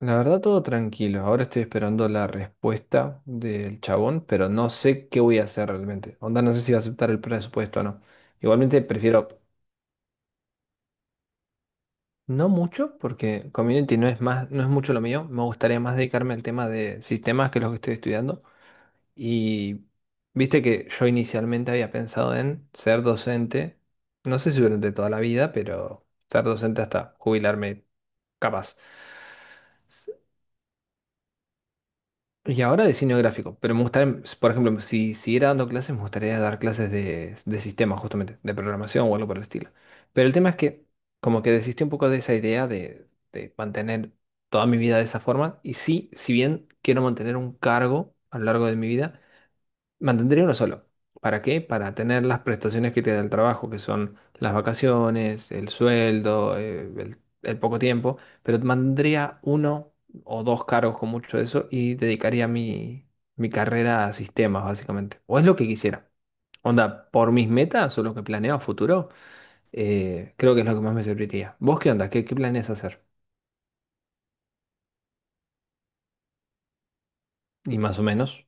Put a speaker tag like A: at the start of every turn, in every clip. A: La verdad, todo tranquilo. Ahora estoy esperando la respuesta del chabón, pero no sé qué voy a hacer realmente. Onda, no sé si va a aceptar el presupuesto o no. Igualmente prefiero no mucho, porque community no es mucho lo mío. Me gustaría más dedicarme al tema de sistemas, que es lo que estoy estudiando. Y viste que yo inicialmente había pensado en ser docente, no sé si durante toda la vida, pero ser docente hasta jubilarme capaz. Y ahora diseño gráfico, pero me gustaría, por ejemplo, si siguiera dando clases, me gustaría dar clases de sistemas, justamente, de programación o algo por el estilo. Pero el tema es que como que desistí un poco de esa idea de mantener toda mi vida de esa forma. Y sí, si bien quiero mantener un cargo a lo largo de mi vida, mantendría uno solo. ¿Para qué? Para tener las prestaciones que te da el trabajo, que son las vacaciones, el sueldo, el poco tiempo, pero mantendría uno o dos cargos con mucho de eso y dedicaría mi, mi carrera a sistemas, básicamente. O es lo que quisiera. Onda, por mis metas o lo que planeo a futuro, creo que es lo que más me serviría. ¿Vos qué onda? ¿Qué, qué planeas hacer? Y más o menos,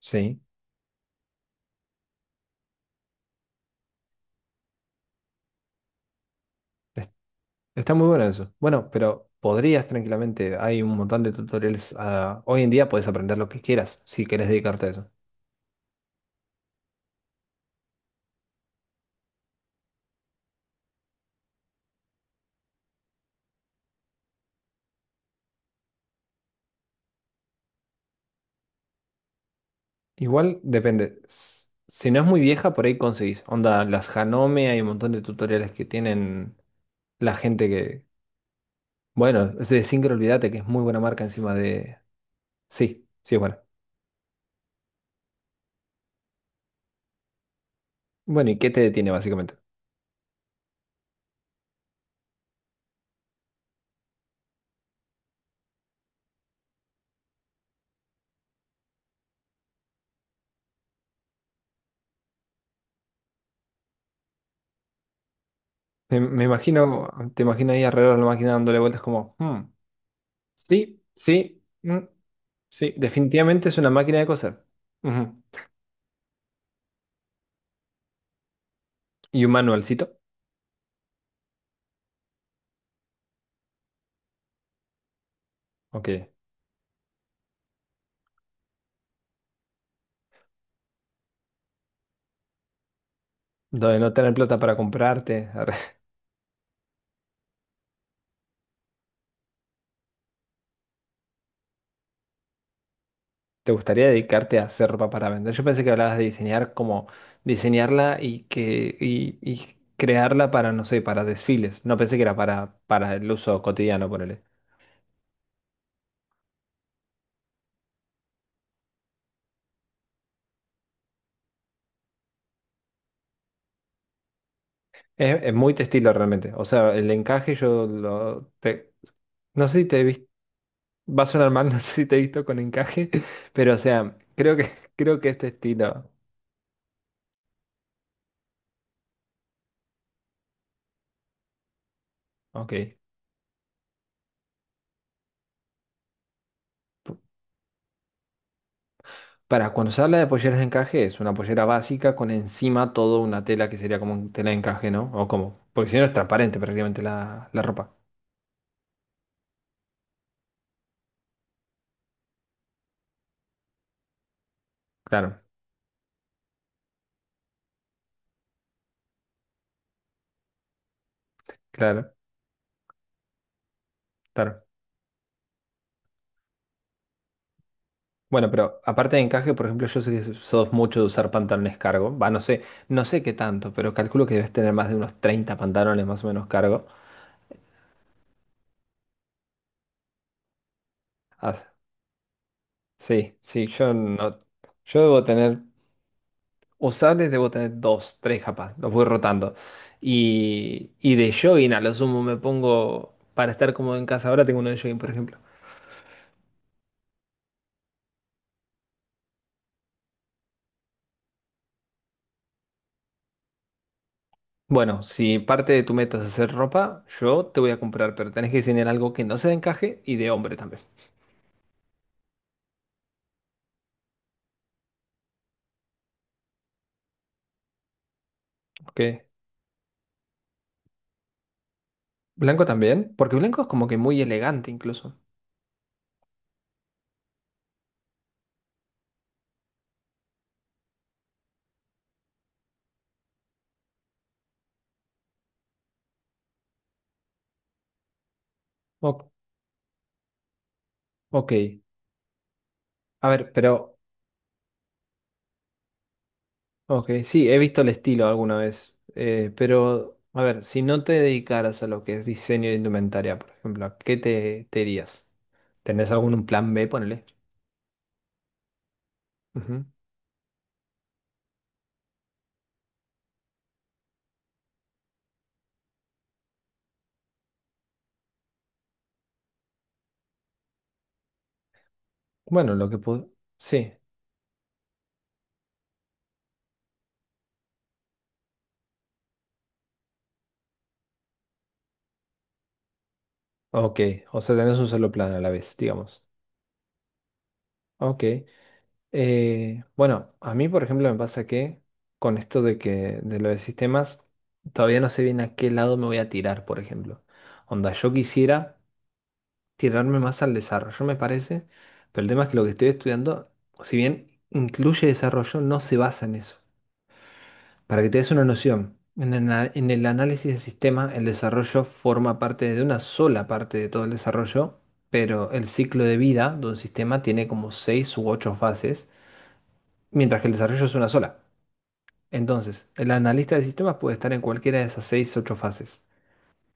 A: sí. Está muy bueno eso. Bueno, pero podrías tranquilamente, hay un montón de tutoriales. Ah, hoy en día puedes aprender lo que quieras si querés dedicarte a eso. Igual depende. Si no es muy vieja, por ahí conseguís. Onda, las Hanome, hay un montón de tutoriales que tienen la gente que. Bueno, es de Singer, olvídate que es muy buena marca encima de. Sí, sí es buena. Bueno, ¿y qué te detiene básicamente? Me imagino, te imagino ahí alrededor de la máquina dándole vueltas como, "Hmm, sí, sí, mm, sí, definitivamente es una máquina de coser". Ujú. ¿Y un manualcito? Ok. Donde no tener plata para comprarte. Arre. ¿Te gustaría dedicarte a hacer ropa para vender? Yo pensé que hablabas de diseñar como diseñarla y y crearla para, no sé, para desfiles. No pensé que era para el uso cotidiano, ponele. Es muy textil realmente. O sea, el encaje no sé si te. Va a sonar mal, no sé si te he visto con encaje, pero o sea, creo que, creo que este estilo, ok. Para cuando se habla de polleras de encaje, es una pollera básica con encima toda una tela que sería como un tela de encaje, ¿no? O como, porque si no es transparente prácticamente la, la ropa. Claro, claro, claro. Bueno, pero aparte de encaje, por ejemplo, yo sé que sos mucho de usar pantalones cargo. Va, no sé, no sé qué tanto, pero calculo que debes tener más de unos 30 pantalones más o menos cargo. Ah, sí, sí, yo no, yo debo tener. Usables debo tener dos, tres capaz, los voy rotando. Y de jogging a lo sumo me pongo, para estar cómodo en casa ahora tengo uno de jogging, por ejemplo. Bueno, si parte de tu meta es hacer ropa, yo te voy a comprar, pero tenés que diseñar algo que no sea de encaje y de hombre también, ¿ok? Blanco también, porque blanco es como que muy elegante incluso. O- ok, a ver, pero, ok, sí, he visto el estilo alguna vez, pero, a ver, si no te dedicaras a lo que es diseño de indumentaria, por ejemplo, ¿a qué te, te irías? ¿Tenés algún plan B, ponele? Ujú. Bueno, lo que puedo. Sí, ok. O sea, tenés un solo plan a la vez, digamos. Ok. Bueno, a mí, por ejemplo, me pasa que con esto de lo de sistemas, todavía no sé bien a qué lado me voy a tirar, por ejemplo. Onda, yo quisiera tirarme más al desarrollo, me parece, pero el tema es que lo que estoy estudiando, si bien incluye desarrollo, no se basa en eso. Para que te des una noción, en el, en el análisis de sistema, el desarrollo forma parte de una sola parte de todo el desarrollo, pero el ciclo de vida de un sistema tiene como seis u ocho fases, mientras que el desarrollo es una sola. Entonces, el analista de sistemas puede estar en cualquiera de esas seis u ocho fases,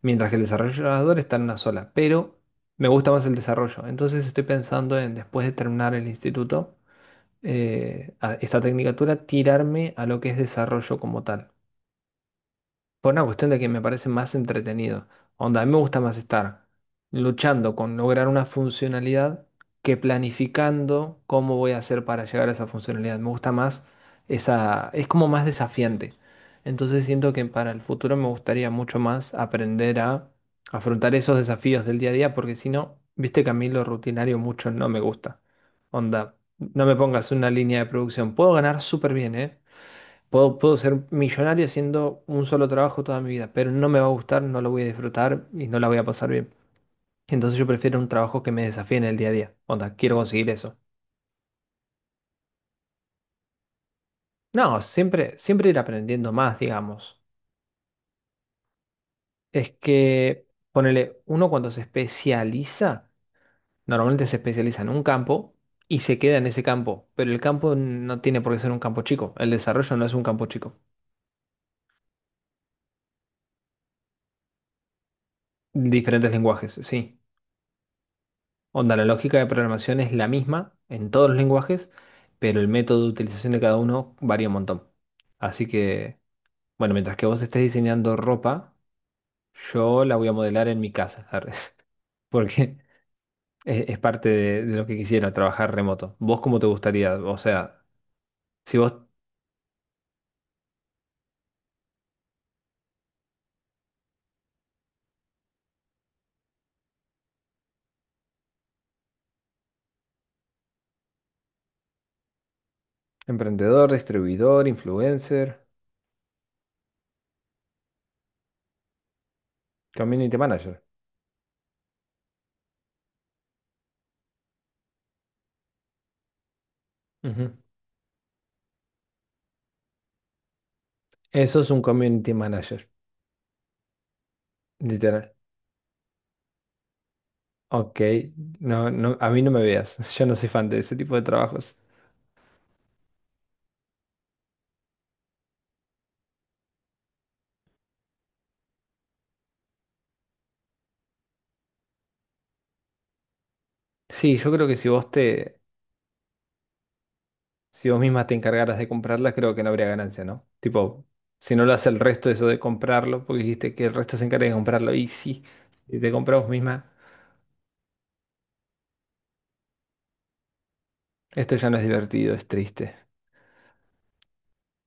A: mientras que el desarrollador está en una sola, pero me gusta más el desarrollo. Entonces, estoy pensando en, después de terminar el instituto, esta tecnicatura, tirarme a lo que es desarrollo como tal. Por una cuestión de que me parece más entretenido. Onda, a mí me gusta más estar luchando con lograr una funcionalidad que planificando cómo voy a hacer para llegar a esa funcionalidad. Me gusta más esa, es como más desafiante. Entonces siento que para el futuro me gustaría mucho más aprender a afrontar esos desafíos del día a día, porque si no, viste que a mí lo rutinario mucho no me gusta. Onda, no me pongas una línea de producción. Puedo ganar súper bien, ¿eh? Puedo, puedo ser millonario haciendo un solo trabajo toda mi vida, pero no me va a gustar, no lo voy a disfrutar y no la voy a pasar bien. Entonces yo prefiero un trabajo que me desafíe en el día a día. Onda, quiero conseguir eso. No, siempre, siempre ir aprendiendo más, digamos. Es que, ponele, uno cuando se especializa, normalmente se especializa en un campo y se queda en ese campo, pero el campo no tiene por qué ser un campo chico. El desarrollo no es un campo chico. Diferentes lenguajes, sí. Onda, la lógica de programación es la misma en todos los lenguajes, pero el método de utilización de cada uno varía un montón. Así que, bueno, mientras que vos estés diseñando ropa, yo la voy a modelar en mi casa, arre, porque es parte de lo que quisiera, trabajar remoto. ¿Vos cómo te gustaría? O sea, si vos, emprendedor, distribuidor, influencer, community manager. Ujú. Eso es un community manager, literal. Ok, no, no, a mí no me veas, yo no soy fan de ese tipo de trabajos. Sí, yo creo que si vos te, si vos misma te encargaras de comprarlas, creo que no habría ganancia, ¿no? Tipo, si no lo hace el resto eso de comprarlo, porque dijiste que el resto se encarga de comprarlo, y sí, si te compras vos misma, esto ya no es divertido, es triste.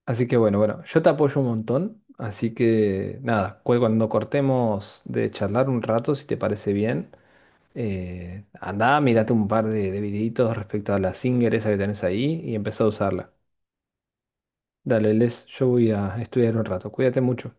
A: Así que bueno, bueno, yo te apoyo un montón, así que nada, cuando cortemos de charlar un rato, si te parece bien, andá, mírate un par de videitos respecto a la Singer esa que tenés ahí y empezá a usarla. Dale, Les, yo voy a estudiar un rato, cuídate mucho.